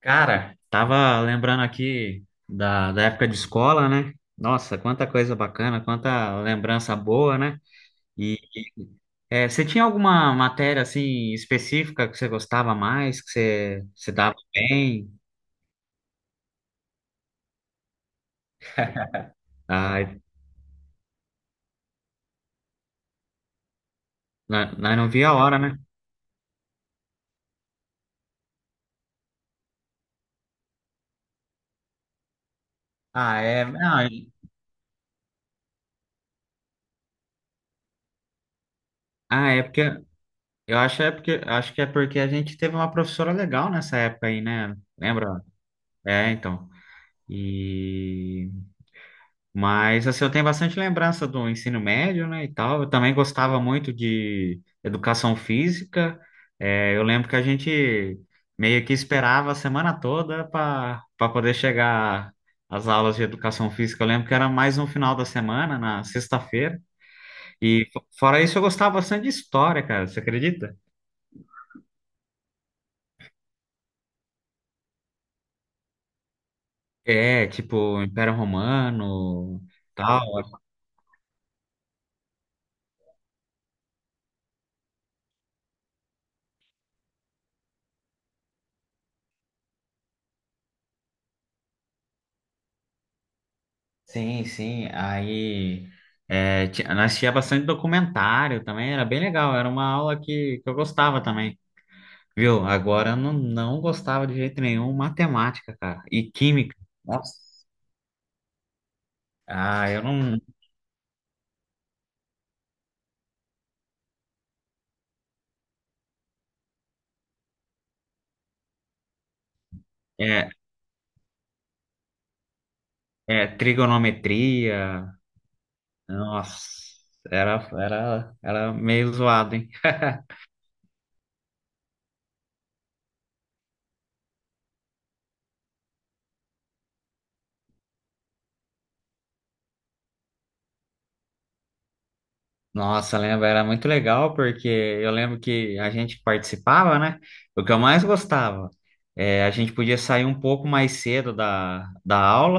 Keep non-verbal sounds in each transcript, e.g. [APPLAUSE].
Cara, tava lembrando aqui da época de escola, né? Nossa, quanta coisa bacana, quanta lembrança boa, né? E e, Você tinha alguma matéria assim específica que você gostava mais, que você se dava bem? Ah, nós não via a hora, né? Ah, é. É porque eu acho é porque acho que é porque a gente teve uma professora legal nessa época aí, né? Lembra? É, então. E Mas assim, eu tenho bastante lembrança do ensino médio, né, e tal. Eu também gostava muito de educação física. É, eu lembro que a gente meio que esperava a semana toda para poder chegar às aulas de educação física. Eu lembro que era mais no final da semana, na sexta-feira. E fora isso, eu gostava bastante de história, cara. Você acredita? É, tipo, Império Romano, tal. Sim, sim. Aí nós assistia bastante documentário também, era bem legal, era uma aula que eu gostava também, viu? Agora eu não gostava de jeito nenhum matemática, cara, e química. Nossa, eu não. É, trigonometria, nossa, era meio zoado, hein? [LAUGHS] Nossa, lembra era muito legal porque eu lembro que a gente participava, né? O que eu mais gostava é a gente podia sair um pouco mais cedo da aula,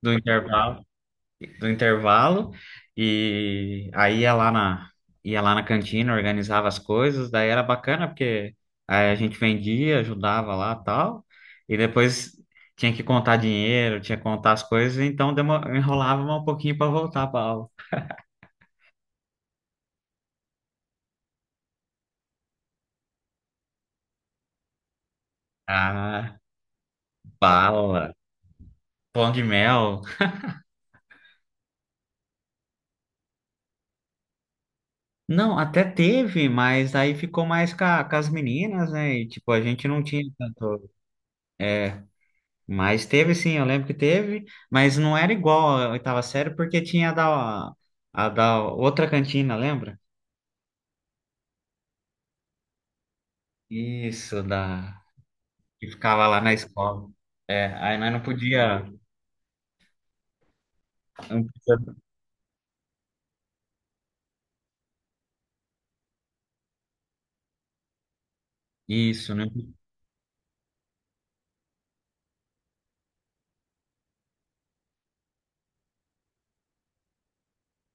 do intervalo, do intervalo, e aí ia lá na cantina, organizava as coisas, daí era bacana porque aí a gente vendia, ajudava lá, tal, e depois tinha que contar dinheiro, tinha que contar as coisas, então enrolava um pouquinho para voltar para aula. Ah, bala. Pão de mel. Não, até teve, mas aí ficou mais com as meninas, né? E, tipo, a gente não tinha tanto. É, mas teve sim, eu lembro que teve, mas não era igual a oitava série, porque tinha a da outra cantina, lembra? Isso, da. Que ficava lá na escola. É, aí nós não podia. não podia- Isso, né?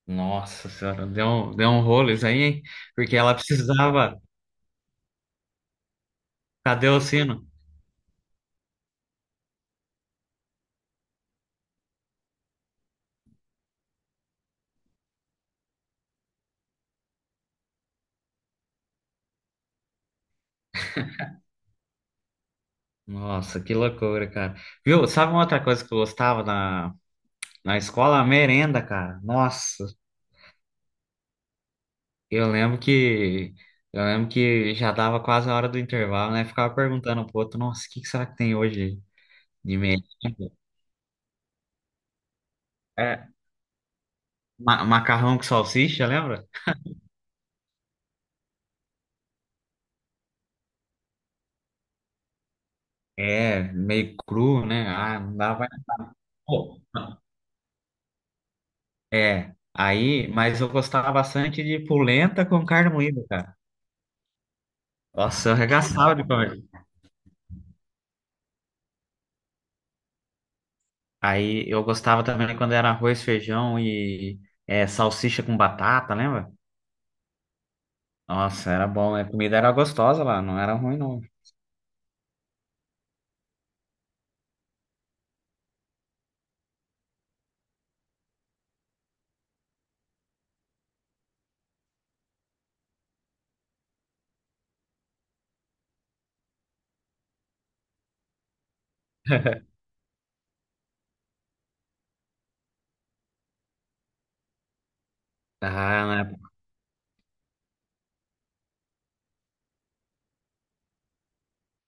Nossa senhora, deu um rolo isso aí, hein? Porque ela precisava. Cadê o sino? Nossa, que loucura, cara. Viu? Sabe uma outra coisa que eu gostava na escola? A merenda, cara. Nossa, eu lembro que eu lembro que já dava quase a hora do intervalo, né? Ficava perguntando pro outro, nossa, o que que será que tem hoje de merenda? É, macarrão com salsicha, lembra? É, meio cru, né? Ah, não dava. Pô, é, aí, mas eu gostava bastante de polenta com carne moída, cara. Nossa, eu arregaçava de comer. Aí eu gostava também quando era arroz, feijão e salsicha com batata, lembra? Nossa, era bom, né? A comida era gostosa lá, não era ruim, não. [LAUGHS] Ah, né?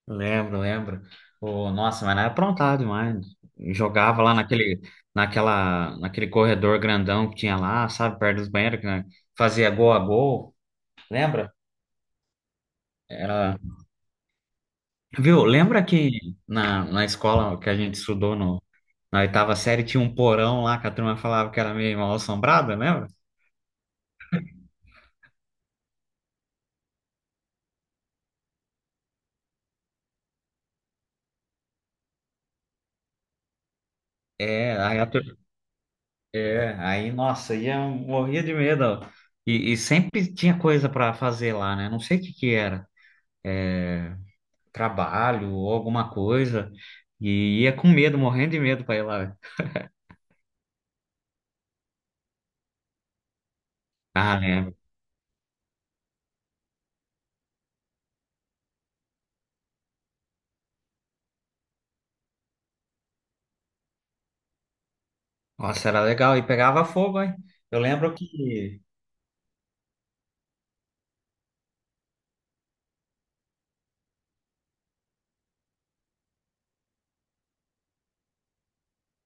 Lembro, lembro. Ô, nossa, mas era aprontado demais. Jogava lá naquele corredor grandão que tinha lá, sabe, perto dos banheiros, que né, fazia gol a gol. Lembra? Era... Viu? Lembra que na escola que a gente estudou no, na oitava série tinha um porão lá que a turma falava que era meio mal assombrada, lembra? É, aí, a pe- nossa, ia morria de medo. E sempre tinha coisa para fazer lá, né? Não sei o que que era, é, trabalho ou alguma coisa. E ia com medo, morrendo de medo para ir lá. Ah, lembro. Nossa, era legal. E pegava fogo, hein? Eu lembro que.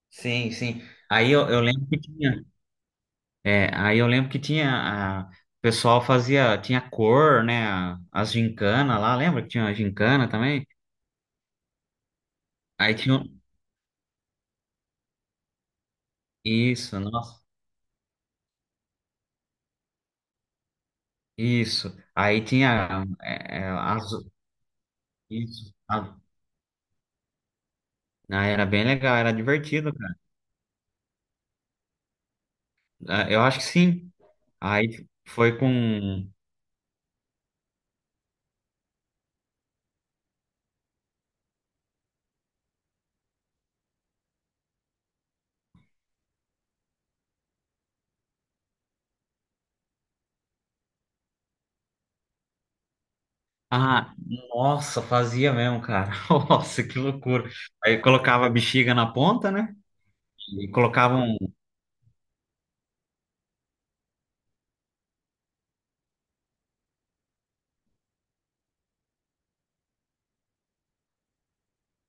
Sim, sim. Aí eu lembro que tinha. Aí eu lembro que tinha. A... O pessoal fazia. Tinha cor, né? As gincanas lá. Lembra que tinha a gincana também? Aí tinha. Isso, nossa. Isso. Aí tinha. Isso, era bem legal, era divertido, cara. Ah, eu acho que sim. Aí foi com. Ah, nossa, fazia mesmo, cara. [LAUGHS] Nossa, que loucura. Aí colocava a bexiga na ponta, né? E colocava um.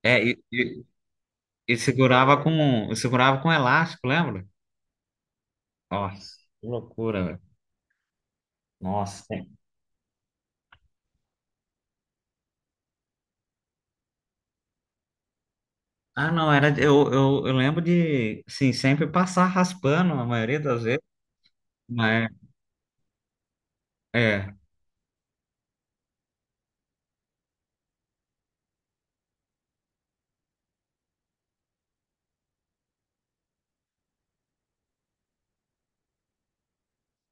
É, e, e- e segurava com elástico, lembra? Nossa, que loucura, velho. Nossa. Ah, não, era. Eu lembro de, assim, sempre passar raspando a maioria das vezes, mas. É, é.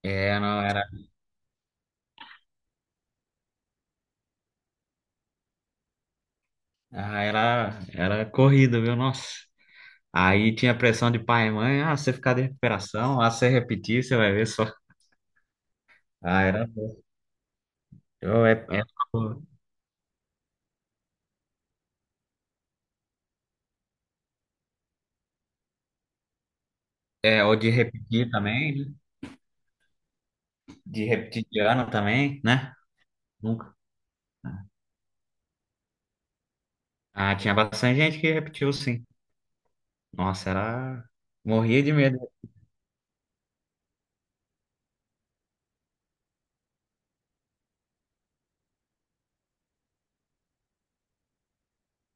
É, não, era corrida, viu? Nossa. Aí tinha pressão de pai e mãe, você ficar de recuperação, você repetir, você vai ver só. Ah, era bom. Eu, é, é, é, Ou de repetir também, né? De repetir de ano também, né? Nunca. Ah, tinha bastante gente que repetiu, sim. Nossa, era. Morria de medo.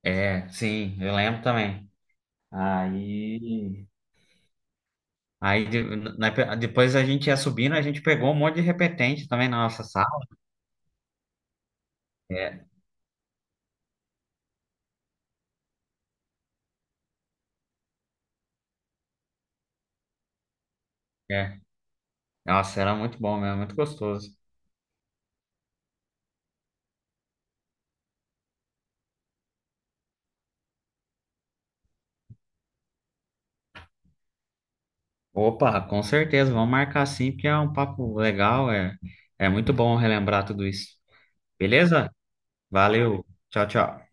É, sim, eu lembro também. Aí. Aí na- depois a gente ia subindo, a gente pegou um monte de repetente também na nossa sala. É, é. Nossa, era muito bom mesmo, muito gostoso. Opa, com certeza, vamos marcar sim, porque é um papo legal, é muito bom relembrar tudo isso. Beleza? Valeu, tchau, tchau.